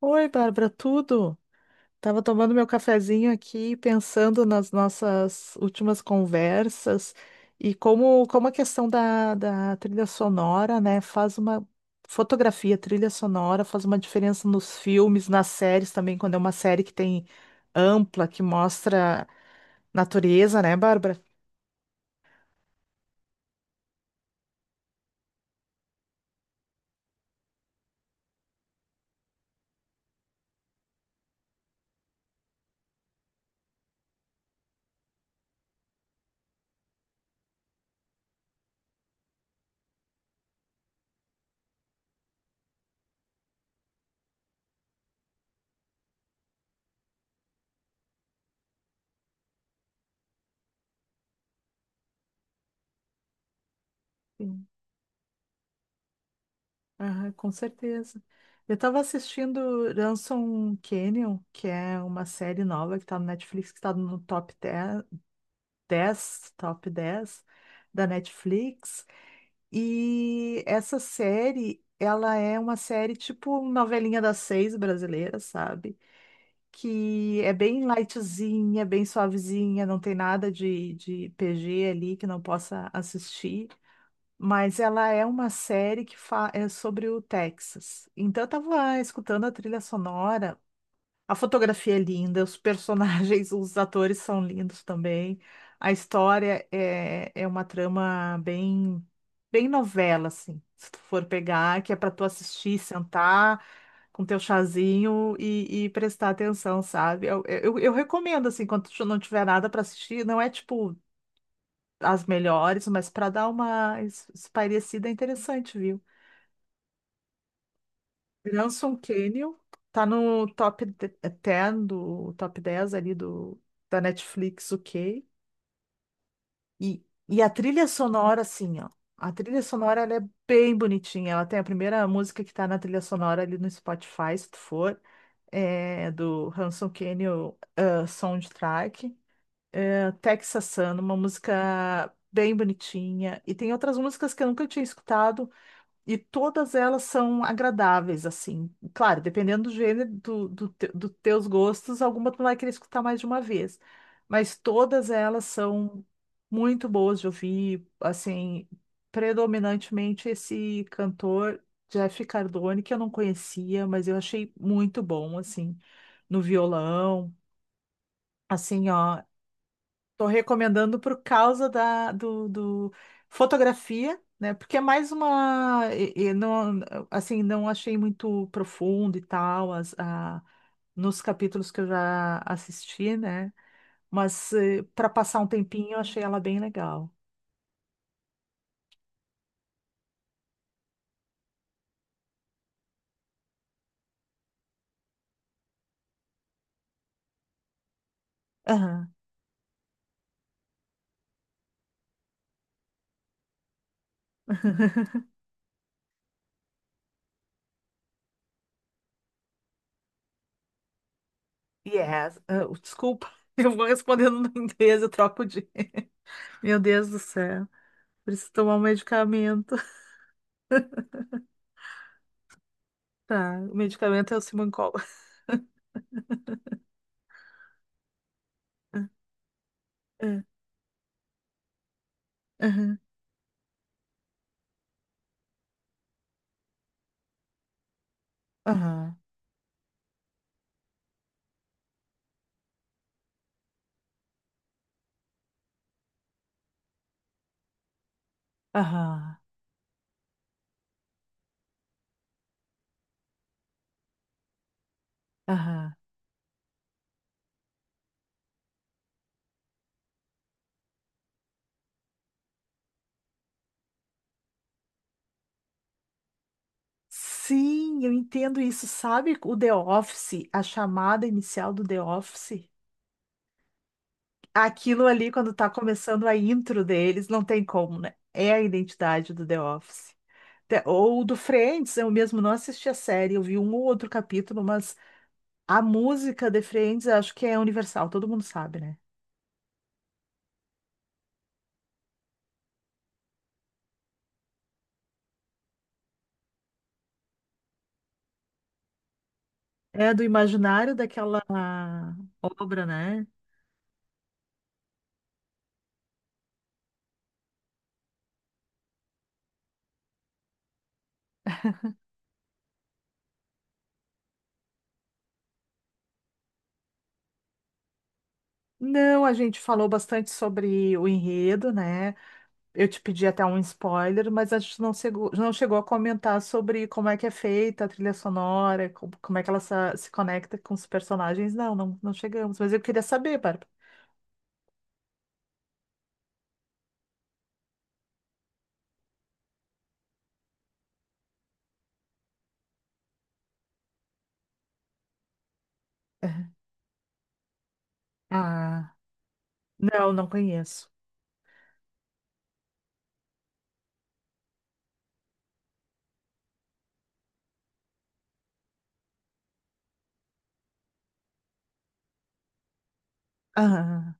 Oi, Bárbara, tudo? Tava tomando meu cafezinho aqui, pensando nas nossas últimas conversas e como a questão da trilha sonora, né, faz uma fotografia, trilha sonora, faz uma diferença nos filmes, nas séries também, quando é uma série que tem ampla, que mostra natureza, né, Bárbara? Sim. Aham, com certeza. Eu estava assistindo Ransom Canyon, que é uma série nova que está no Netflix, que está no top dez da Netflix. E essa série, ela é uma série tipo novelinha das seis brasileira, sabe? Que é bem lightzinha, bem suavezinha, não tem nada de PG ali que não possa assistir. Mas ela é uma série é sobre o Texas. Então eu tava escutando a trilha sonora. A fotografia é linda, os personagens, os atores são lindos também. A história é uma trama bem, bem novela, assim. Se tu for pegar, que é para tu assistir, sentar com teu chazinho e prestar atenção, sabe? Eu recomendo, assim, quando tu não tiver nada para assistir, não é tipo as melhores, mas para dar uma espairecida é interessante, viu? Branson Canyon tá no top de- 10 do top 10 ali do da Netflix, ok? E, e a trilha sonora, assim, ó. A trilha sonora ela é bem bonitinha. Ela tem a primeira música que tá na trilha sonora ali no Spotify, se tu for, é do Ransom Canyon Soundtrack. É, Texas Sun, uma música bem bonitinha. E tem outras músicas que eu nunca tinha escutado. E todas elas são agradáveis, assim. Claro, dependendo do gênero, do teus gostos, alguma tu vai querer escutar mais de uma vez. Mas todas elas são muito boas de ouvir, assim, predominantemente esse cantor Jeff Cardone, que eu não conhecia, mas eu achei muito bom, assim, no violão. Assim, ó. Estou recomendando por causa da fotografia, né? Porque é mais uma e não assim não achei muito profundo e tal nos capítulos que eu já assisti, né? Mas para passar um tempinho eu achei ela bem legal. Aham. Yes. Ah, desculpa, eu vou respondendo no inglês, eu troco de. Meu Deus do céu, preciso tomar um medicamento. Tá, o medicamento é o Simancol. É. Aham. Aham. Aham. Aham. Sim, eu entendo isso. Sabe o The Office, a chamada inicial do The Office? Aquilo ali, quando tá começando a intro deles, não tem como, né? É a identidade do The Office. Ou do Friends, eu mesmo não assisti a série, eu vi um ou outro capítulo, mas a música de Friends eu acho que é universal, todo mundo sabe, né? É do imaginário daquela obra, né? Não, a gente falou bastante sobre o enredo, né? Eu te pedi até um spoiler, mas a gente não chegou a comentar sobre como é que é feita a trilha sonora, como é que ela se conecta com os personagens. Não, não, não chegamos. Mas eu queria saber, Bárbara. Ah, não, não conheço. Ah,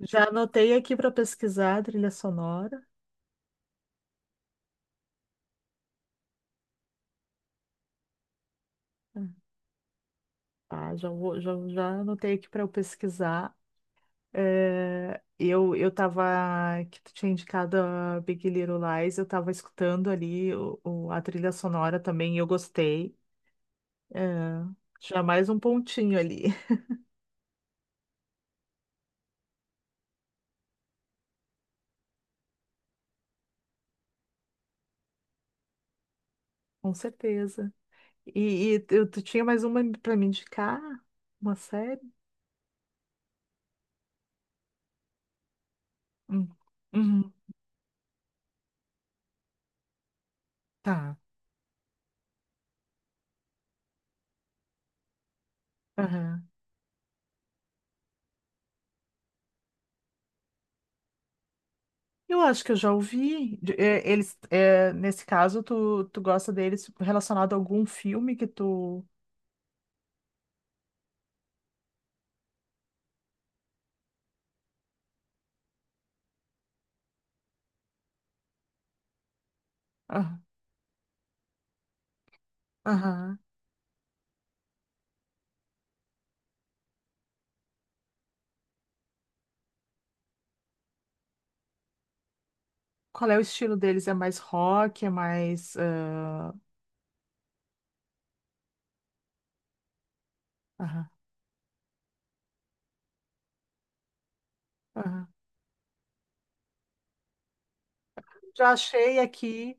já anotei aqui para pesquisar a trilha sonora. Tá, já vou, já anotei aqui para eu pesquisar. É, eu tava, que tu tinha indicado a Big Little Lies, eu tava escutando ali a trilha sonora também, e eu gostei. É, já mais um pontinho ali, com certeza. E tu, tinha mais uma pra me indicar? Uma série? Hum. Uhum. Tá. Aham. Eu acho que eu já ouvi. É, eles, é, nesse caso, tu gosta deles relacionado a algum filme que tu. Ah, aham. Qual é o estilo deles? É mais rock? É mais. Ah, aham. Aham. Já achei aqui.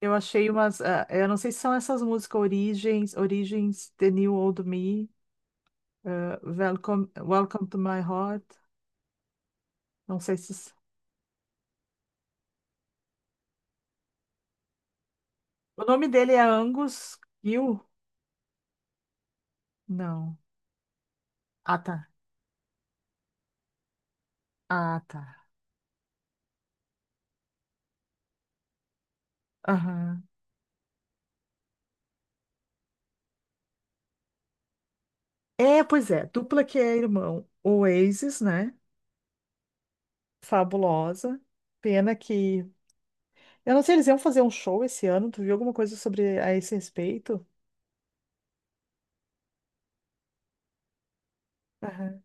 Eu achei umas. Ah, eu não sei se são essas músicas Origens, Origens, The New Old Me. Welcome, Welcome to My Heart. Não sei se. O nome dele é Angus Gill? Não. Ah, tá. Ah, tá. Aham. É, pois é. Dupla que é irmão. Oasis, né? Fabulosa. Pena que. Eu não sei, eles iam fazer um show esse ano. Tu viu alguma coisa sobre a esse respeito? Aham,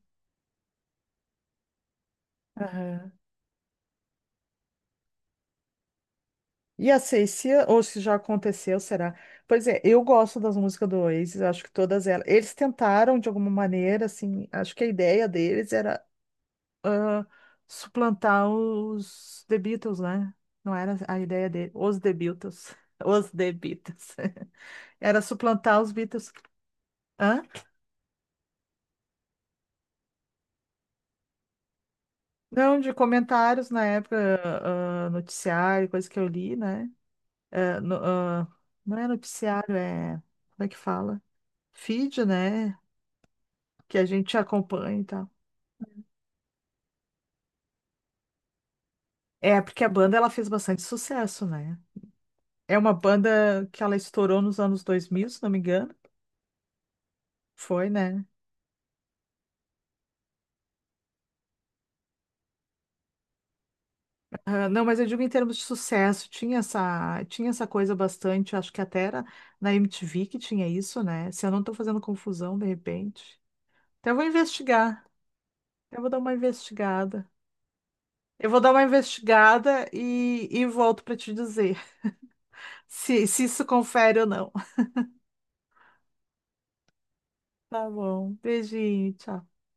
aham. E a Cecília, ou se já aconteceu, será? Pois é, eu gosto das músicas do Oasis, acho que todas elas. Eles tentaram, de alguma maneira, assim, acho que a ideia deles era ah, suplantar os The Beatles, né? Não era a ideia dele. Os The Beatles. Os The Beatles. Era suplantar os Beatles. Hã? Não, de comentários na época, noticiário, coisa que eu li, né? Ah, não é noticiário, é. Como é que fala? Feed, né? Que a gente acompanha e tal. É, porque a banda ela fez bastante sucesso, né? É uma banda que ela estourou nos anos 2000, se não me engano. Foi, né? Ah, não, mas eu digo em termos de sucesso, tinha essa coisa bastante, acho que até era na MTV que tinha isso, né? Se eu não tô fazendo confusão, de repente. Até vou investigar, eu vou dar uma investigada. Eu vou dar uma investigada e volto pra te dizer se isso confere ou não. Tá bom, beijinho, tchau.